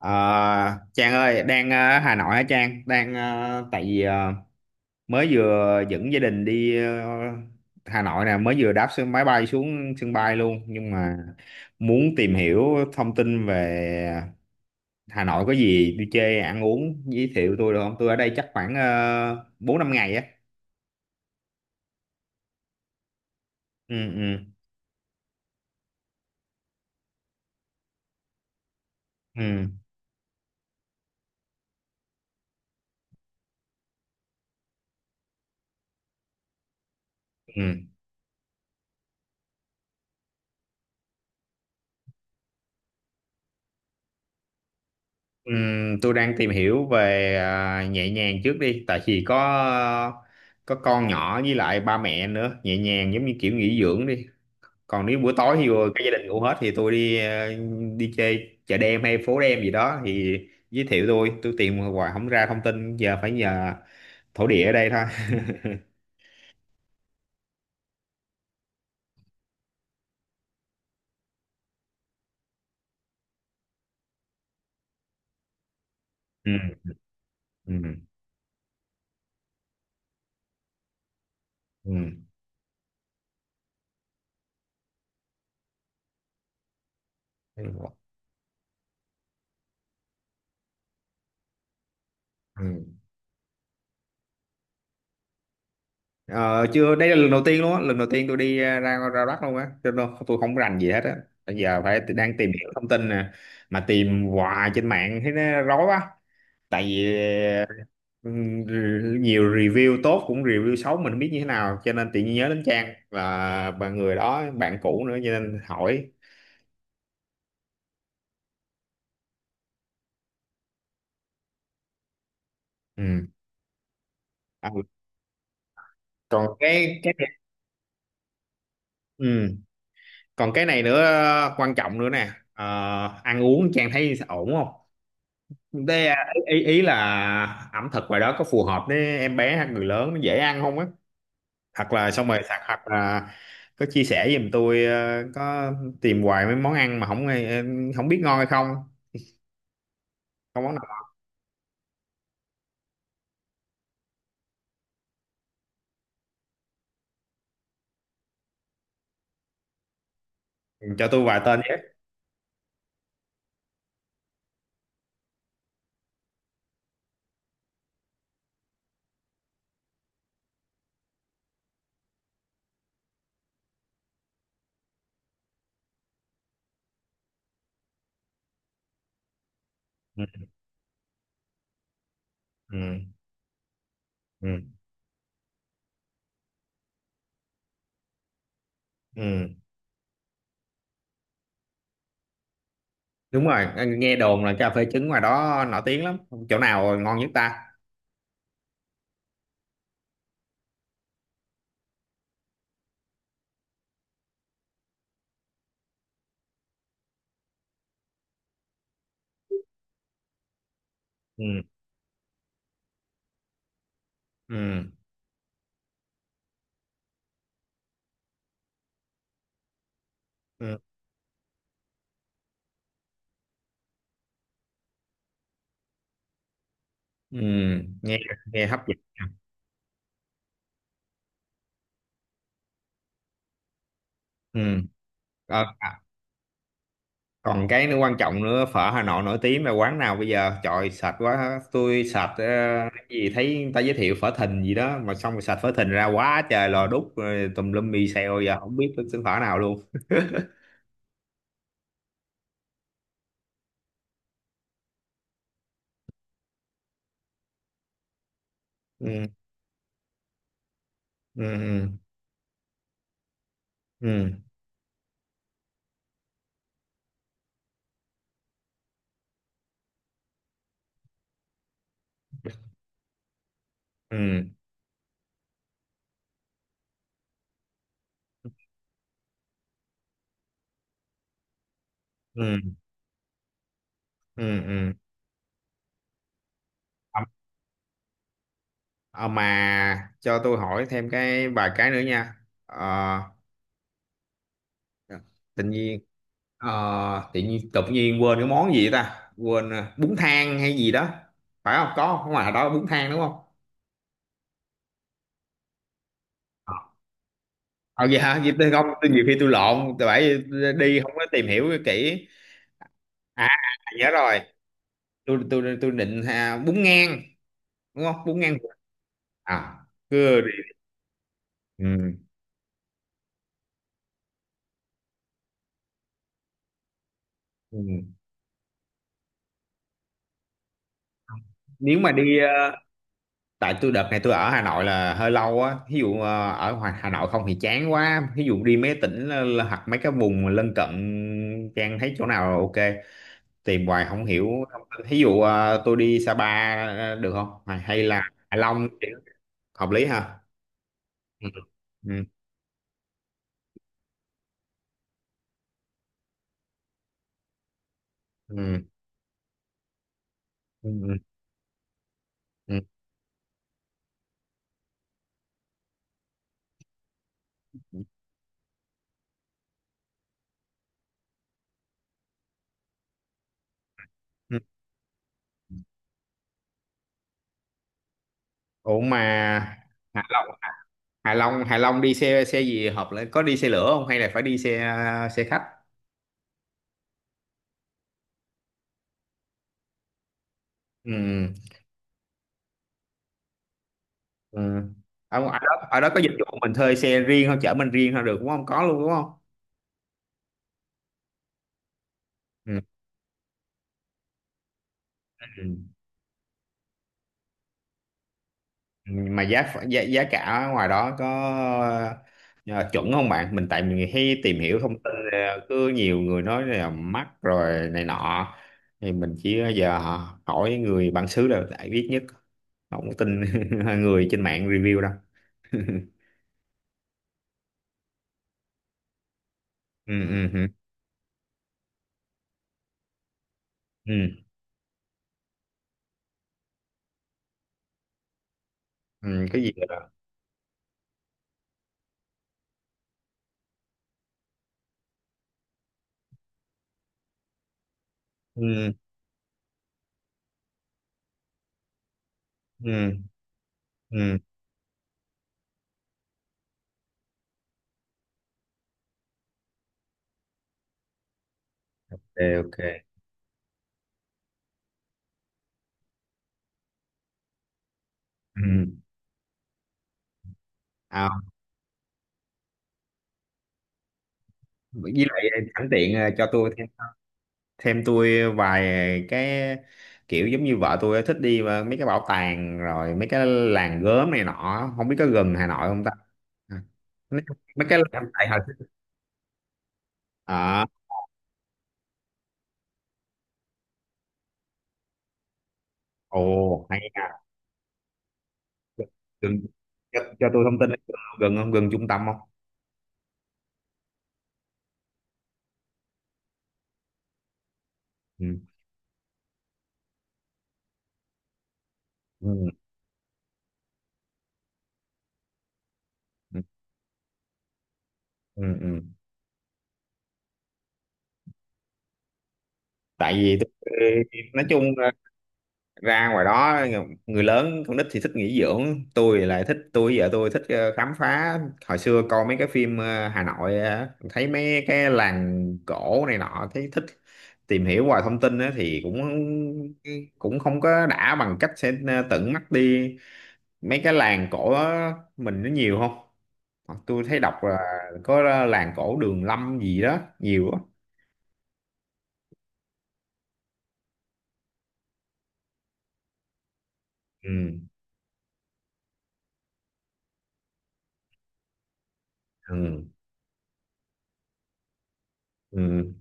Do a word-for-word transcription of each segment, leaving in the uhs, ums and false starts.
Ờ, Trang ơi, đang ờ, Hà Nội hả Trang? Đang ờ, tại vì ờ, mới vừa dẫn gia đình đi ờ, Hà Nội nè, mới vừa đáp sân máy bay xuống sân bay luôn, nhưng mà muốn tìm hiểu thông tin về Hà Nội có gì đi chơi ăn uống giới thiệu tôi được không? Tôi ở đây chắc khoảng bốn năm ngày á. Ừ ừ ừ. Ừ. Ừm, tôi đang tìm hiểu về à, nhẹ nhàng trước đi, tại vì có có con nhỏ với lại ba mẹ nữa, nhẹ nhàng giống như kiểu nghỉ dưỡng đi. Còn nếu buổi tối thì cả gia đình ngủ hết thì tôi đi à, đi chơi chợ đêm hay phố đêm gì đó thì giới thiệu tôi, tôi tìm hoài không ra thông tin, giờ phải nhờ thổ địa ở đây thôi. Ừ. Ừ. Ừ. Ừ. Ờ, chưa, đây là lần đầu tiên luôn á, lần đầu tiên tôi đi ờ, ra ra Bắc luôn á, cho nên tôi không rành gì hết á. Bây giờ phải t- đang tìm hiểu thông tin nè, mà tìm hoài trên mạng thấy nó rối quá, tại vì ừ, r- nhiều review tốt cũng review xấu, mình không biết như thế nào, cho nên tự nhiên nhớ đến Trang và và người đó bạn cũ nữa cho nên hỏi. Ừ. À, còn cái cái ừ, còn cái này nữa, à, quan trọng nữa nè. Ờ, ăn uống Trang thấy ổn không? Đây à, ý ý ý là ẩm thực ngoài đó có phù hợp với em bé hay người lớn nó dễ ăn không á, hoặc là xong rồi sạc hoặc là có chia sẻ giùm tôi. ờ, có tìm hoài mấy món ăn mà không nghe- không biết ngon hay không, không món nào. Ừ, cho tôi vài tên với. Ừ. Ừ. Ừ. Ừ. Đúng rồi, nghe đồn là cà phê trứng ngoài đó nổi tiếng lắm, chỗ nào ngon nhất ta? Ừ. Ừ. Ừ. Ừ. Nghe nghe hấp dẫn. Ừ. Ờ, còn cái nữa quan trọng nữa, phở Hà Nội nổi tiếng là quán nào bây giờ? Trời sạch quá tôi sạch. ờ, cái gì thấy người ta giới thiệu phở Thìn gì đó, mà xong rồi sạch phở Thìn ra quá trời lò đúc rồi tùm lum mì xèo, giờ không biết cái xứ phở nào luôn. Ừ. Ừ. Ừ. Ừ. Ừ. Ừ. Ừ. À, à mà cho tôi hỏi thêm cái vài cái nữa nha. Ờ, tự nhiên ờ, tự nhiên tự nhiên quên cái món gì ta, quên ờ, bún thang hay gì đó, phải không, có không, ngoài đó bún thang đúng không? Ờ vậy hả? Vậy tôi không, tôi nhiều khi tôi lộn, tôi phải đi không có tìm hiểu kỹ. À à, nhớ rồi, tôi tôi tôi định à, bún ngang đúng không, bún ngang? À, cứ đi. Ừ. Ừ. Nếu mà đi ờ, tại tôi đợt này tôi ở Hà Nội là hơi lâu á, ví dụ ờ, ở ngoài Hà Nội không thì chán quá, ví dụ đi mấy tỉnh là- là- hoặc mấy cái vùng lân cận, Trang thấy chỗ nào ok, tìm hoài không hiểu. Ví dụ ờ, tôi đi Sapa ờ, được không, hay hay là Hạ Long thì hợp lý ha? Ừ. Ừ. Ừ. Ừ. Ừ. Ừ, ừ. Ủa mà Hạ Long Hạ Long Hạ Long đi xe, xe gì hợp lên, có đi xe lửa không hay là phải đi xe, xe khách? Ừ. Ừ. Ở, ở đó ở đó có dịch vụ mình thuê xe riêng không, chở mình riêng không được đúng không, có luôn đúng không? Ừ. Ừ. Mà giá ph- giá giá cả ở ngoài đó có ờ, chuẩn không bạn? Mình tại mình hay tìm hiểu thông tin. ờ, Cứ nhiều người nói là mắc rồi này nọ, thì mình chỉ ờ, giờ hỏi người bản xứ là đại biết nhất, không có tin người trên mạng review đâu. Ừ. Ừ. Ừ. Ừ. Ừ, cái gì đó. Ừ. Ừ. Ừ. Ok. Ok. Ừ. À, với lại sẵn tiện ờ, cho tôi thêm thêm tôi vài cái, kiểu giống như vợ tôi ấy, thích đi mà mấy cái bảo tàng rồi mấy cái làng gốm này nọ, không biết có gần Hà Nội không ta? À, mấy mấy cái làng tại Hà, à. Ồ hay à, gần, cho, cho tôi thông tin ấy, gần không, gần trung tâm không? Ừ. Ừ. Ừ. Ừ. Ừ. Tại vì tôi, nói chung ra ngoài đó người lớn con nít thì thích nghỉ dưỡng, tôi lại thích, tôi vợ tôi thích ờ, khám phá. Hồi xưa coi mấy cái phim ờ, Hà Nội ờ, thấy mấy cái làng cổ này nọ thấy thích, tìm hiểu hoài thông tin á, thì cũng cũng không có đã bằng cách sẽ ờ, tận mắt đi mấy cái làng cổ đó, mình nó nhiều không? Hoặc tôi thấy đọc là có làng cổ Đường Lâm gì đó nhiều á. Ừ. Ừ. Ừ.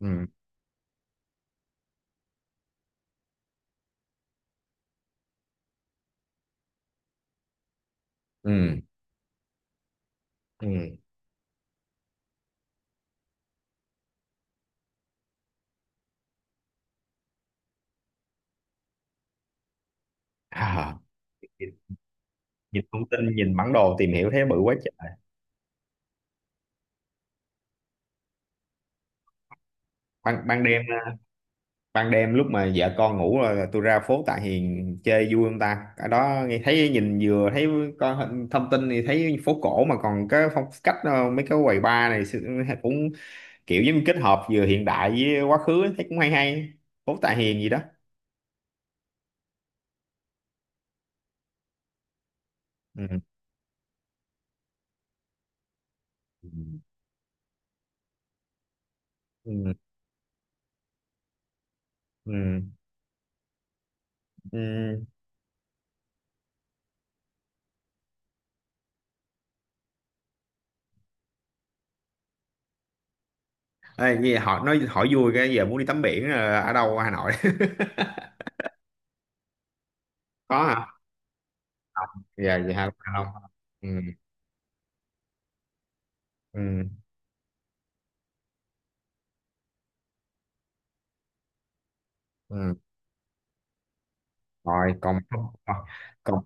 Ừ. Ừ, ừ. À. Nhìn thông tin nhìn bản đồ tìm hiểu thấy bự quá trời. Ban Ban đêm, ban đêm lúc mà vợ con ngủ rồi tôi ra phố Tạ Hiền chơi vui không ta? Ở đó nghe thấy nhìn vừa thấy có hình- thông tin thì thấy phố cổ mà còn cái phong cách ờ, mấy cái quầy bar này sự- cũng kiểu giống kết hợp vừa hiện đại với quá khứ ấy, thấy cũng hay hay, phố Tạ Hiền gì đó. Ừ. Ừ. Ừ. Ừ. Ừ. Ê, nghe hỏi nói hỏi vui, cái giờ muốn đi tắm biển ờ, ở đâu ở Hà Nội? Có hả? Dạ dạ không. Ừ. Ừ. Ừ. Rồi còn à, còn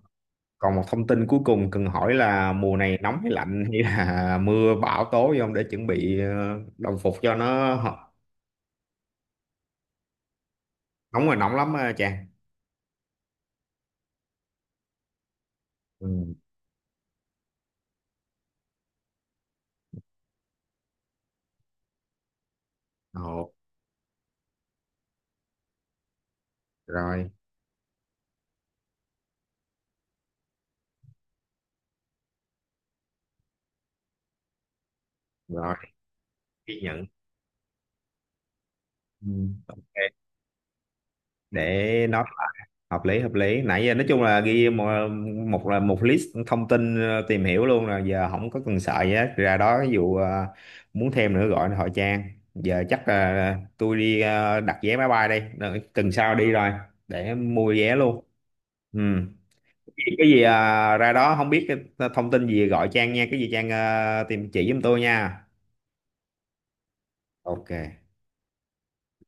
còn một thông tin cuối cùng cần hỏi là mùa này nóng hay lạnh hay là mưa bão tố gì không để chuẩn bị ờ, đồng phục cho nó. Nóng là nóng lắm á Trang. Ừ. Ồ, rồi rồi ghi nhận. Ừ. Ok. Để nói hợp lý, hợp lý, nãy giờ nói chung là ghi một một là một list thông tin ờ, tìm hiểu luôn rồi, giờ không có cần sợ gì hết ra đó, ví dụ ờ, muốn thêm nữa gọi hỏi Trang. Giờ chắc là tôi đi ờ, đặt vé máy bay đây, đợi tuần sau đi rồi để mua vé luôn. Ừ. cái cái gì ờ, ra đó không biết cái thông tin gì gọi Trang nha, cái gì Trang ờ, tìm chỉ giùm tôi nha. Ok.